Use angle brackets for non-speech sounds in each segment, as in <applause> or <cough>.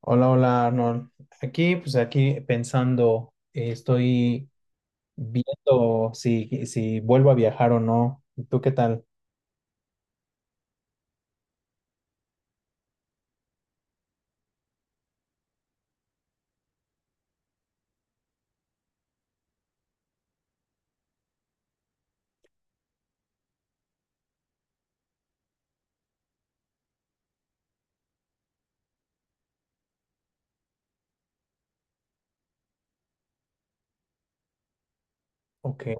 Hola, hola Arnold. Aquí, pues aquí pensando, estoy viendo si vuelvo a viajar o no. ¿Y tú qué tal? Ok.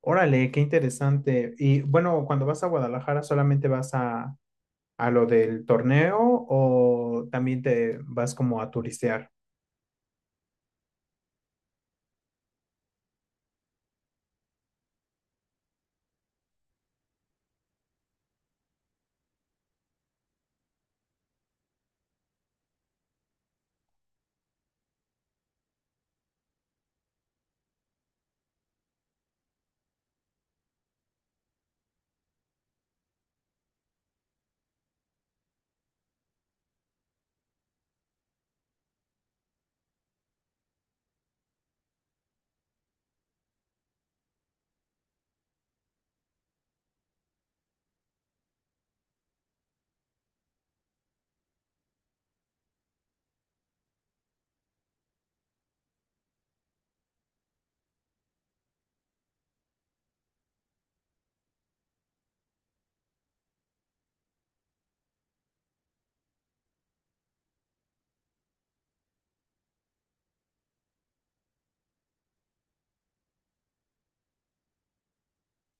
Órale, qué interesante. Y bueno, cuando vas a Guadalajara, ¿solamente vas a lo del torneo o también te vas como a turistear?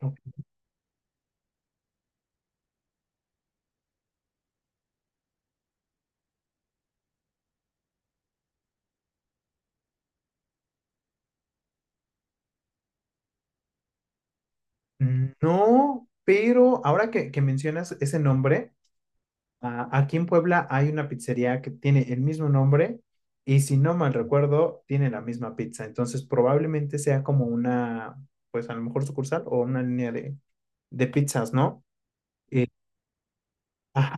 Ok. No, pero ahora que mencionas ese nombre. Ah, aquí en Puebla hay una pizzería que tiene el mismo nombre y si no mal recuerdo, tiene la misma pizza. Entonces probablemente sea como una, pues a lo mejor sucursal o una línea de pizzas, ¿no? Eh, ajá.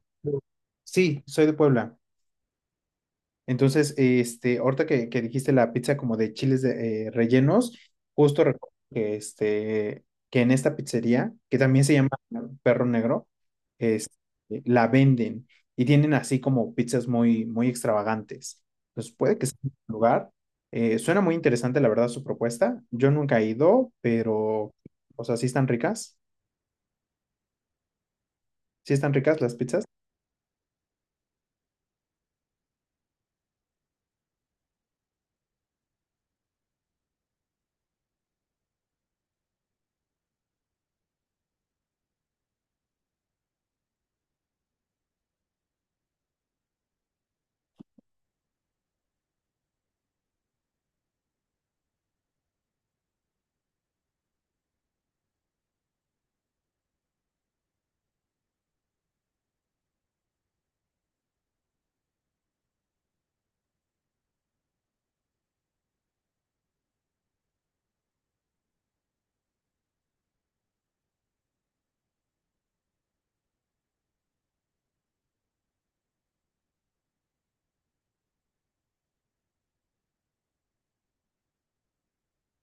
Sí, soy de Puebla. Entonces, este, ahorita que dijiste la pizza como de chiles de, rellenos, justo recuerdo que, este, que en esta pizzería, que también se llama Perro Negro, es, la venden y tienen así como pizzas muy, muy extravagantes. Entonces, puede que sea un lugar. Suena muy interesante, la verdad, su propuesta. Yo nunca he ido, pero, o sea, sí están ricas. Sí están ricas las pizzas.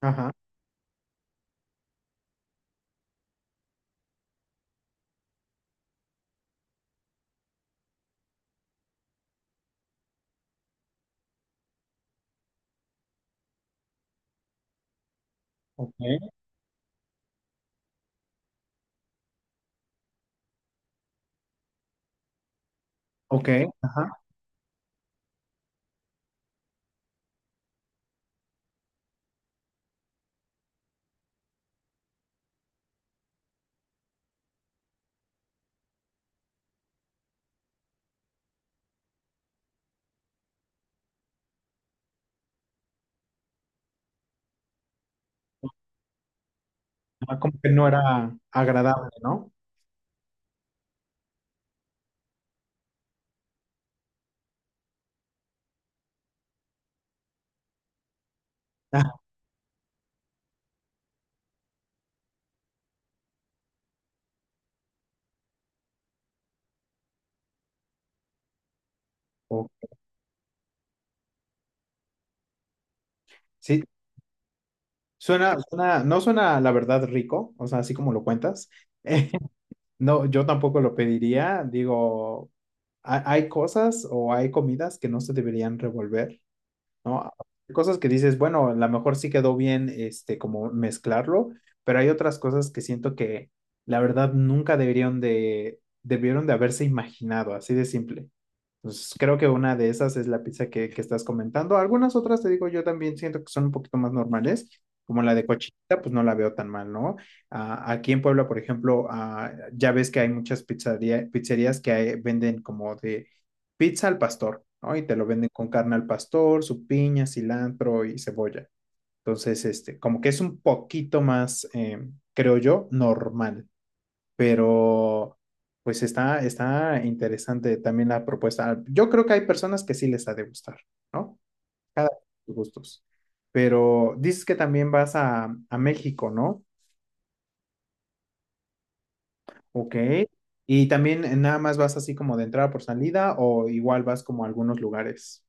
Ajá. Ok. Ok. Ajá. Ah, como que no era agradable, ¿no? Ah, ok. Sí, suena, suena, no suena la verdad rico, o sea, así como lo cuentas. <laughs> Eh, no, yo tampoco lo pediría. Digo, hay cosas o hay comidas que no se deberían revolver, ¿no? Hay cosas que dices, bueno, a lo mejor sí quedó bien, este, como mezclarlo, pero hay otras cosas que siento que la verdad nunca deberían de, debieron de haberse imaginado, así de simple. Pues creo que una de esas es la pizza que estás comentando. Algunas otras, te digo, yo también siento que son un poquito más normales, como la de cochinita, pues no la veo tan mal, ¿no? Ah, aquí en Puebla, por ejemplo, ah, ya ves que hay muchas pizzerías que venden como de pizza al pastor, ¿no? Y te lo venden con carne al pastor, su piña, cilantro y cebolla. Entonces, este, como que es un poquito más, creo yo, normal, pero pues está, está interesante también la propuesta. Yo creo que hay personas que sí les ha de gustar, ¿no? Cada quien sus gustos. Pero dices que también vas a México, ¿no? Ok. Y también nada más vas así como de entrada por salida o igual vas como a algunos lugares.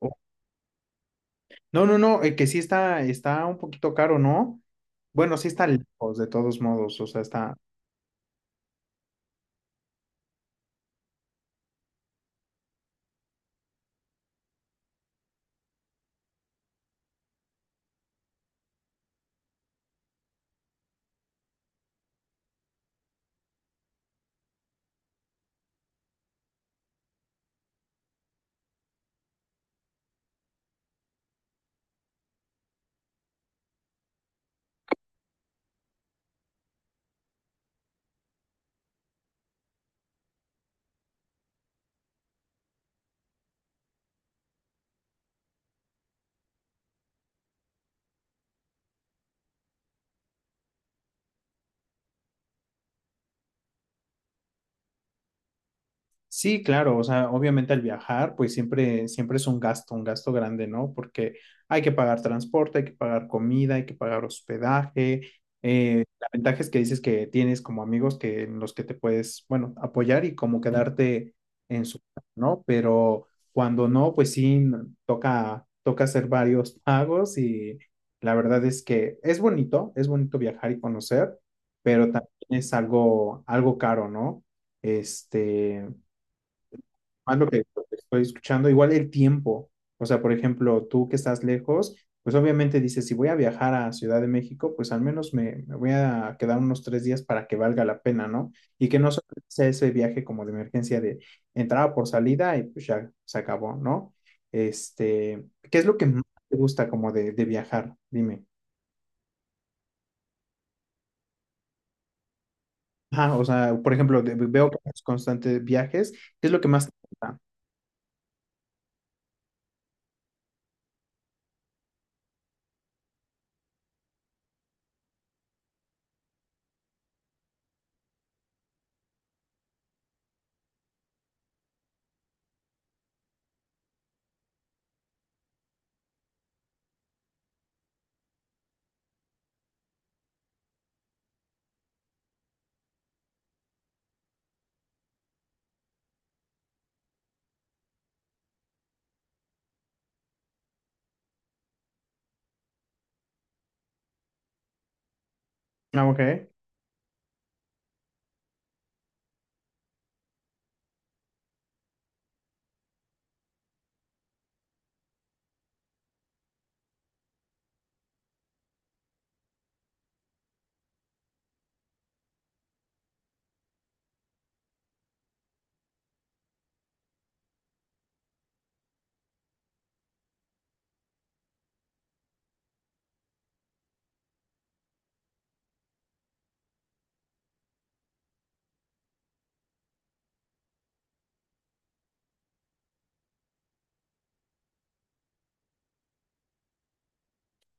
O- No, no, no, que sí está, está un poquito caro, ¿no? Bueno, sí está lejos de todos modos, o sea, está... Sí, claro, o sea, obviamente al viajar, pues siempre, siempre es un gasto grande, ¿no? Porque hay que pagar transporte, hay que pagar comida, hay que pagar hospedaje. La ventaja es que dices que tienes como amigos que, en los que te puedes, bueno, apoyar y como quedarte en su casa, ¿no? Pero cuando no, pues sí, toca, toca hacer varios pagos y la verdad es que es bonito viajar y conocer, pero también es algo, algo caro, ¿no? Este, más lo que estoy escuchando, igual el tiempo. O sea, por ejemplo, tú que estás lejos, pues obviamente dices, si voy a viajar a Ciudad de México, pues al menos me voy a quedar unos 3 días para que valga la pena, ¿no? Y que no solo sea ese viaje como de emergencia de entrada por salida y pues ya se acabó, ¿no? Este, ¿qué es lo que más te gusta como de viajar? Dime. Ajá, o sea, por ejemplo, veo que haces constantes viajes, ¿qué es lo que más te gusta? Ah, ok.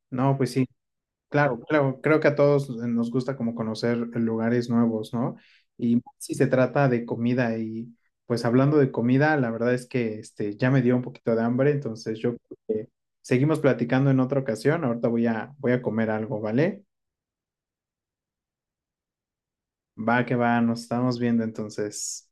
No, pues sí. Claro, claro, creo que a todos nos gusta como conocer lugares nuevos, ¿no? Y más si se trata de comida y pues hablando de comida, la verdad es que este ya me dio un poquito de hambre, entonces yo creo que seguimos platicando en otra ocasión. Ahorita voy a comer algo, ¿vale? Va que va, nos estamos viendo entonces.